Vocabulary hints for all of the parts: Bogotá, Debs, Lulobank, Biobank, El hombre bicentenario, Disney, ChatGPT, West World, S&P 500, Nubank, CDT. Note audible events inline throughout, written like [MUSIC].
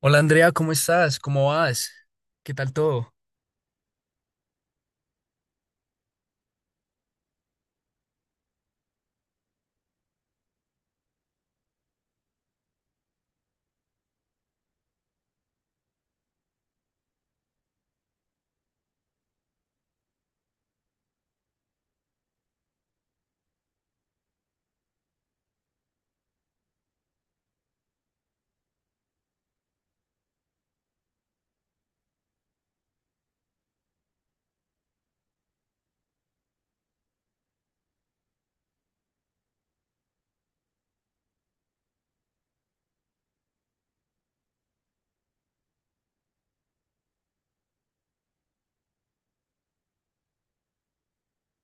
Hola Andrea, ¿cómo estás? ¿Cómo vas? ¿Qué tal todo?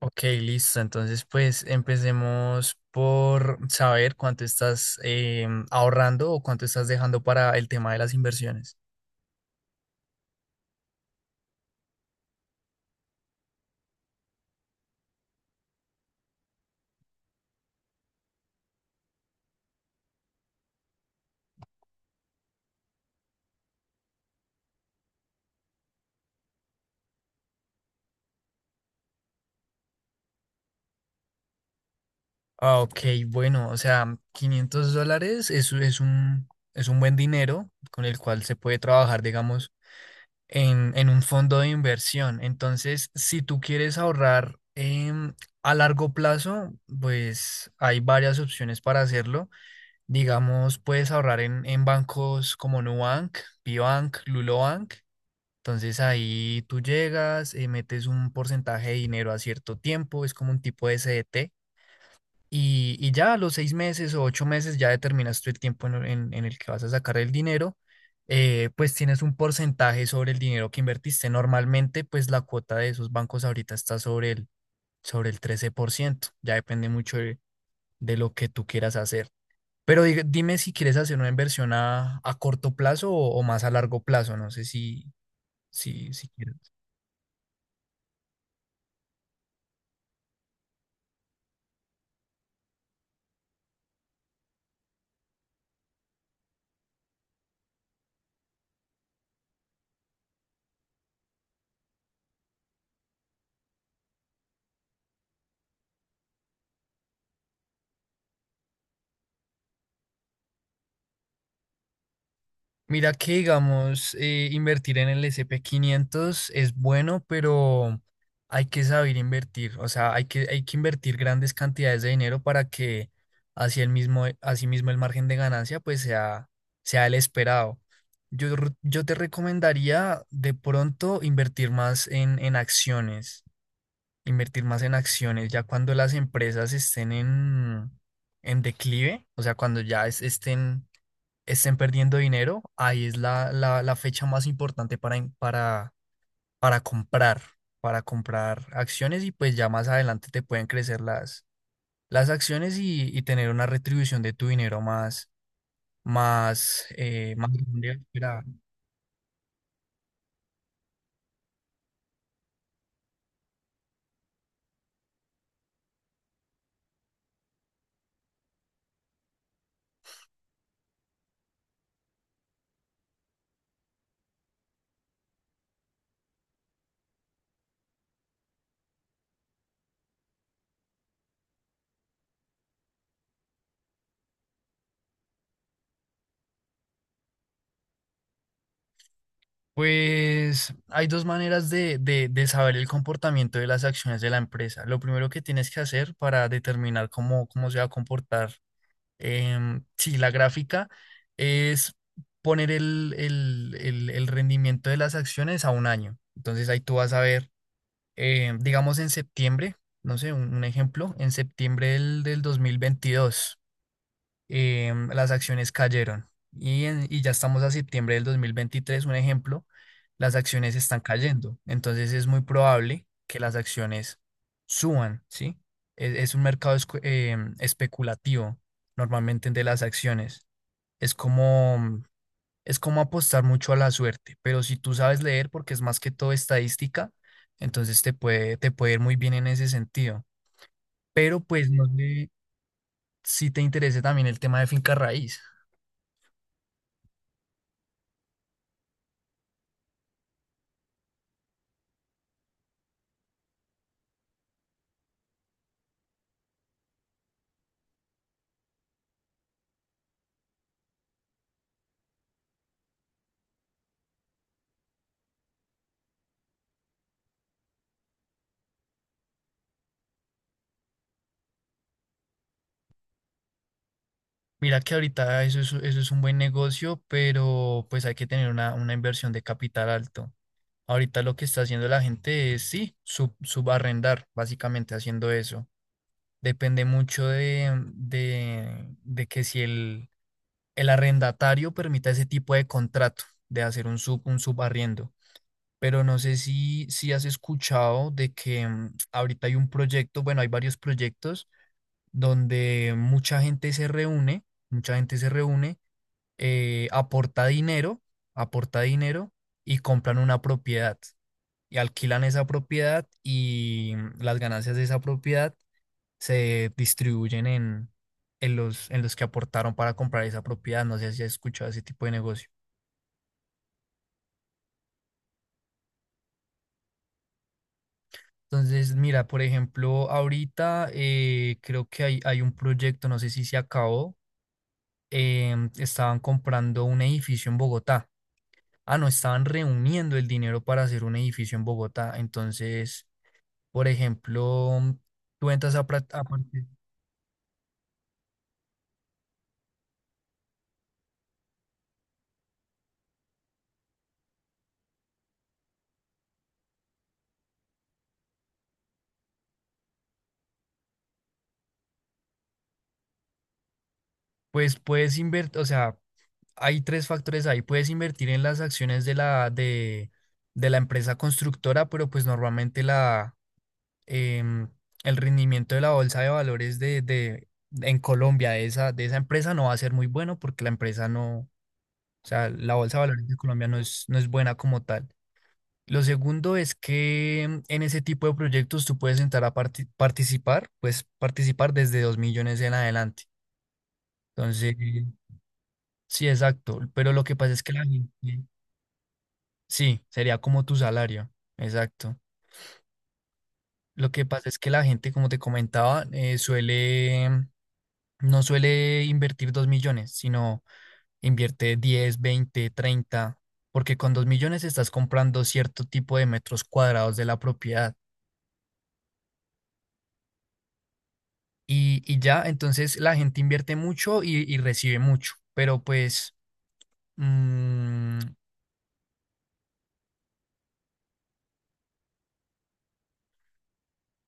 Ok, listo. Entonces, pues empecemos por saber cuánto estás ahorrando o cuánto estás dejando para el tema de las inversiones. Ah, ok, bueno, o sea, 500 dólares es un buen dinero con el cual se puede trabajar, digamos, en un fondo de inversión. Entonces, si tú quieres ahorrar a largo plazo, pues hay varias opciones para hacerlo. Digamos, puedes ahorrar en bancos como Nubank, Biobank, Lulobank. Entonces ahí tú llegas, metes un porcentaje de dinero a cierto tiempo, es como un tipo de CDT. Y ya a los 6 meses o 8 meses ya determinas tú el tiempo en el que vas a sacar el dinero. Pues tienes un porcentaje sobre el dinero que invertiste. Normalmente, pues la cuota de esos bancos ahorita está sobre el 13%. Ya depende mucho de lo que tú quieras hacer. Pero dime si quieres hacer una inversión a corto plazo o más a largo plazo, no sé si quieres. Mira que, digamos, invertir en el S&P 500 es bueno, pero hay que saber invertir, o sea, hay que invertir grandes cantidades de dinero para que así el mismo, así mismo el margen de ganancia pues sea el esperado. Yo te recomendaría de pronto invertir más en acciones. Invertir más en acciones, ya cuando las empresas estén en declive, o sea, cuando ya estén perdiendo dinero, ahí es la fecha más importante para comprar, para comprar acciones y pues ya más adelante te pueden crecer las acciones y tener una retribución de tu dinero más grande. Pues hay dos maneras de saber el comportamiento de las acciones de la empresa. Lo primero que tienes que hacer para determinar cómo se va a comportar, sí, la gráfica es poner el rendimiento de las acciones a un año. Entonces ahí tú vas a ver, digamos en septiembre, no sé, un ejemplo, en septiembre del 2022, las acciones cayeron. Y ya estamos a septiembre del 2023, un ejemplo, las acciones están cayendo. Entonces es muy probable que las acciones suban, ¿sí? Es un mercado especulativo normalmente de las acciones. Es como, es como apostar mucho a la suerte, pero si tú sabes leer, porque es más que todo estadística, entonces te puede ir muy bien en ese sentido. Pero pues no sé si te interesa también el tema de finca raíz. Mira que ahorita eso es un buen negocio, pero pues hay que tener una inversión de capital alto. Ahorita lo que está haciendo la gente es, sí, subarrendar, básicamente haciendo eso. Depende mucho de que si el arrendatario permita ese tipo de contrato, de hacer un subarriendo. Pero no sé si has escuchado de que ahorita hay un proyecto, bueno, hay varios proyectos donde mucha gente se reúne, eh, aporta dinero, aporta dinero y compran una propiedad y alquilan esa propiedad y, las ganancias de esa propiedad se distribuyen en los que aportaron para comprar esa propiedad. No sé si has escuchado ese tipo de negocio. Entonces, mira, por ejemplo, ahorita, creo que hay un proyecto, no sé si se acabó, estaban comprando un edificio en Bogotá. Ah, no, estaban reuniendo el dinero para hacer un edificio en Bogotá. Entonces, por ejemplo, tú entras, a, pra- a parte- pues puedes invertir, o sea, hay tres factores ahí. Puedes invertir en las acciones de la empresa constructora, pero pues normalmente em, el rendimiento de la bolsa de valores en Colombia de esa empresa no va a ser muy bueno porque la empresa no, o sea, la bolsa de valores de Colombia no es buena como tal. Lo segundo es que en ese tipo de proyectos tú puedes entrar a participar desde 2 millones en adelante. Entonces, sí, exacto. Pero lo que pasa es que la gente, sí, sería como tu salario. Exacto. Lo que pasa es que la gente, como te comentaba, no suele invertir 2 millones, sino invierte 10, 20, 30 porque con 2 millones estás comprando cierto tipo de metros cuadrados de la propiedad. Y ya, entonces la gente invierte mucho y recibe mucho, pero pues, mm,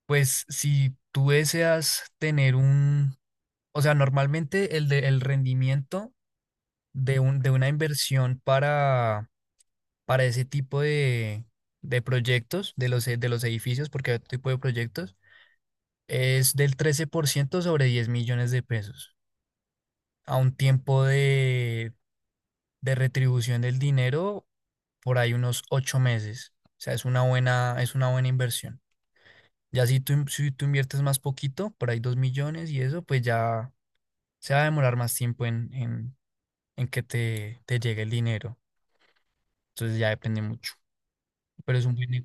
pues si tú deseas tener un, o sea, normalmente el rendimiento de una inversión para ese tipo de proyectos, de los edificios, porque hay otro tipo de proyectos, es del 13% sobre 10 millones de pesos a un tiempo de retribución del dinero por ahí unos 8 meses. O sea, es una buena inversión. Ya si si tú inviertes más poquito, por ahí 2 millones y eso, pues ya se va a demorar más tiempo en que te llegue el dinero. Entonces ya depende mucho. Pero es un buen.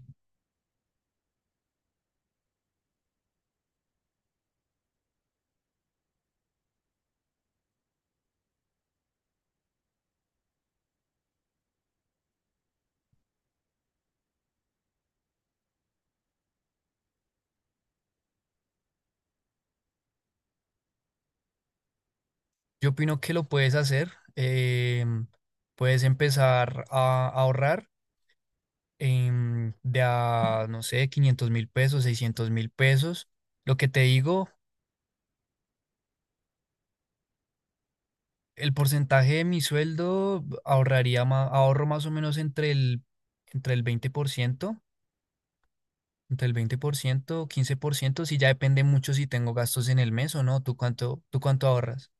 Yo opino que lo puedes hacer. Puedes empezar a ahorrar de a, no sé, 500.000 pesos, 600.000 pesos. Lo que te digo, el porcentaje de mi sueldo ahorro más o menos entre el 20%, 15%, si ya depende mucho si tengo gastos en el mes o no. ¿Tú cuánto ahorras?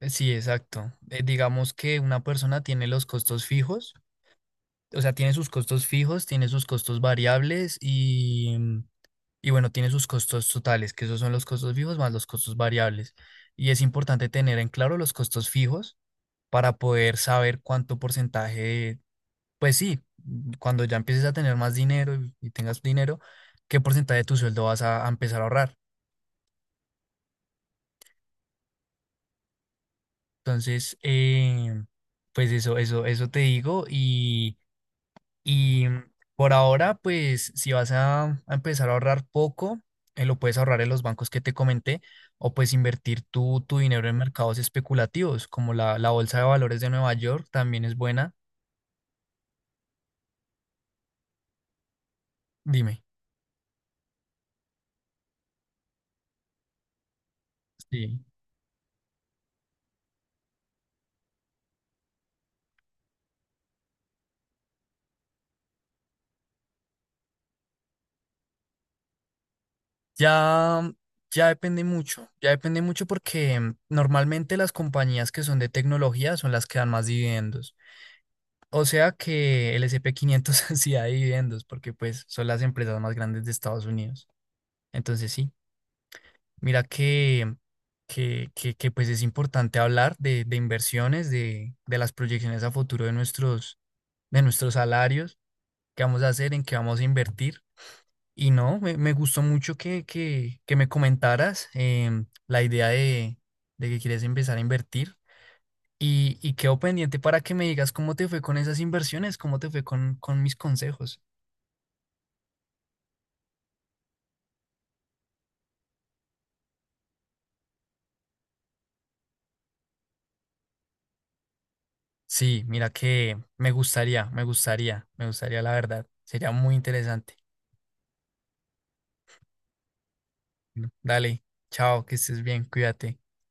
Sí, exacto. Digamos que una persona tiene los costos fijos, o sea, tiene sus costos fijos, tiene sus costos variables y, y bueno, tiene sus costos totales, que esos son los costos fijos más los costos variables. Y es importante tener en claro los costos fijos para poder saber cuánto porcentaje, pues sí, cuando ya empieces a tener más dinero y tengas dinero, qué porcentaje de tu sueldo vas a empezar a ahorrar. Entonces, pues eso te digo y por ahora, pues si vas a empezar a ahorrar poco, lo puedes ahorrar en los bancos que te comenté o pues invertir tu dinero en mercados especulativos, como la bolsa de valores de Nueva York también es buena. Dime. Sí. Ya, ya depende mucho porque normalmente las compañías que son de tecnología son las que dan más dividendos. O sea que el S&P 500 [LAUGHS] sí da dividendos porque pues son las empresas más grandes de Estados Unidos. Entonces sí, mira que pues es importante hablar de inversiones, de las proyecciones a futuro de nuestros salarios, qué vamos a hacer, en qué vamos a invertir. Y no, me gustó mucho que, que me comentaras, la idea de que quieres empezar a invertir y quedo pendiente para que me digas cómo te fue con esas inversiones, cómo te fue con mis consejos. Sí, mira que me gustaría la verdad. Sería muy interesante. Bueno, dale, chao, que estés bien, cuídate.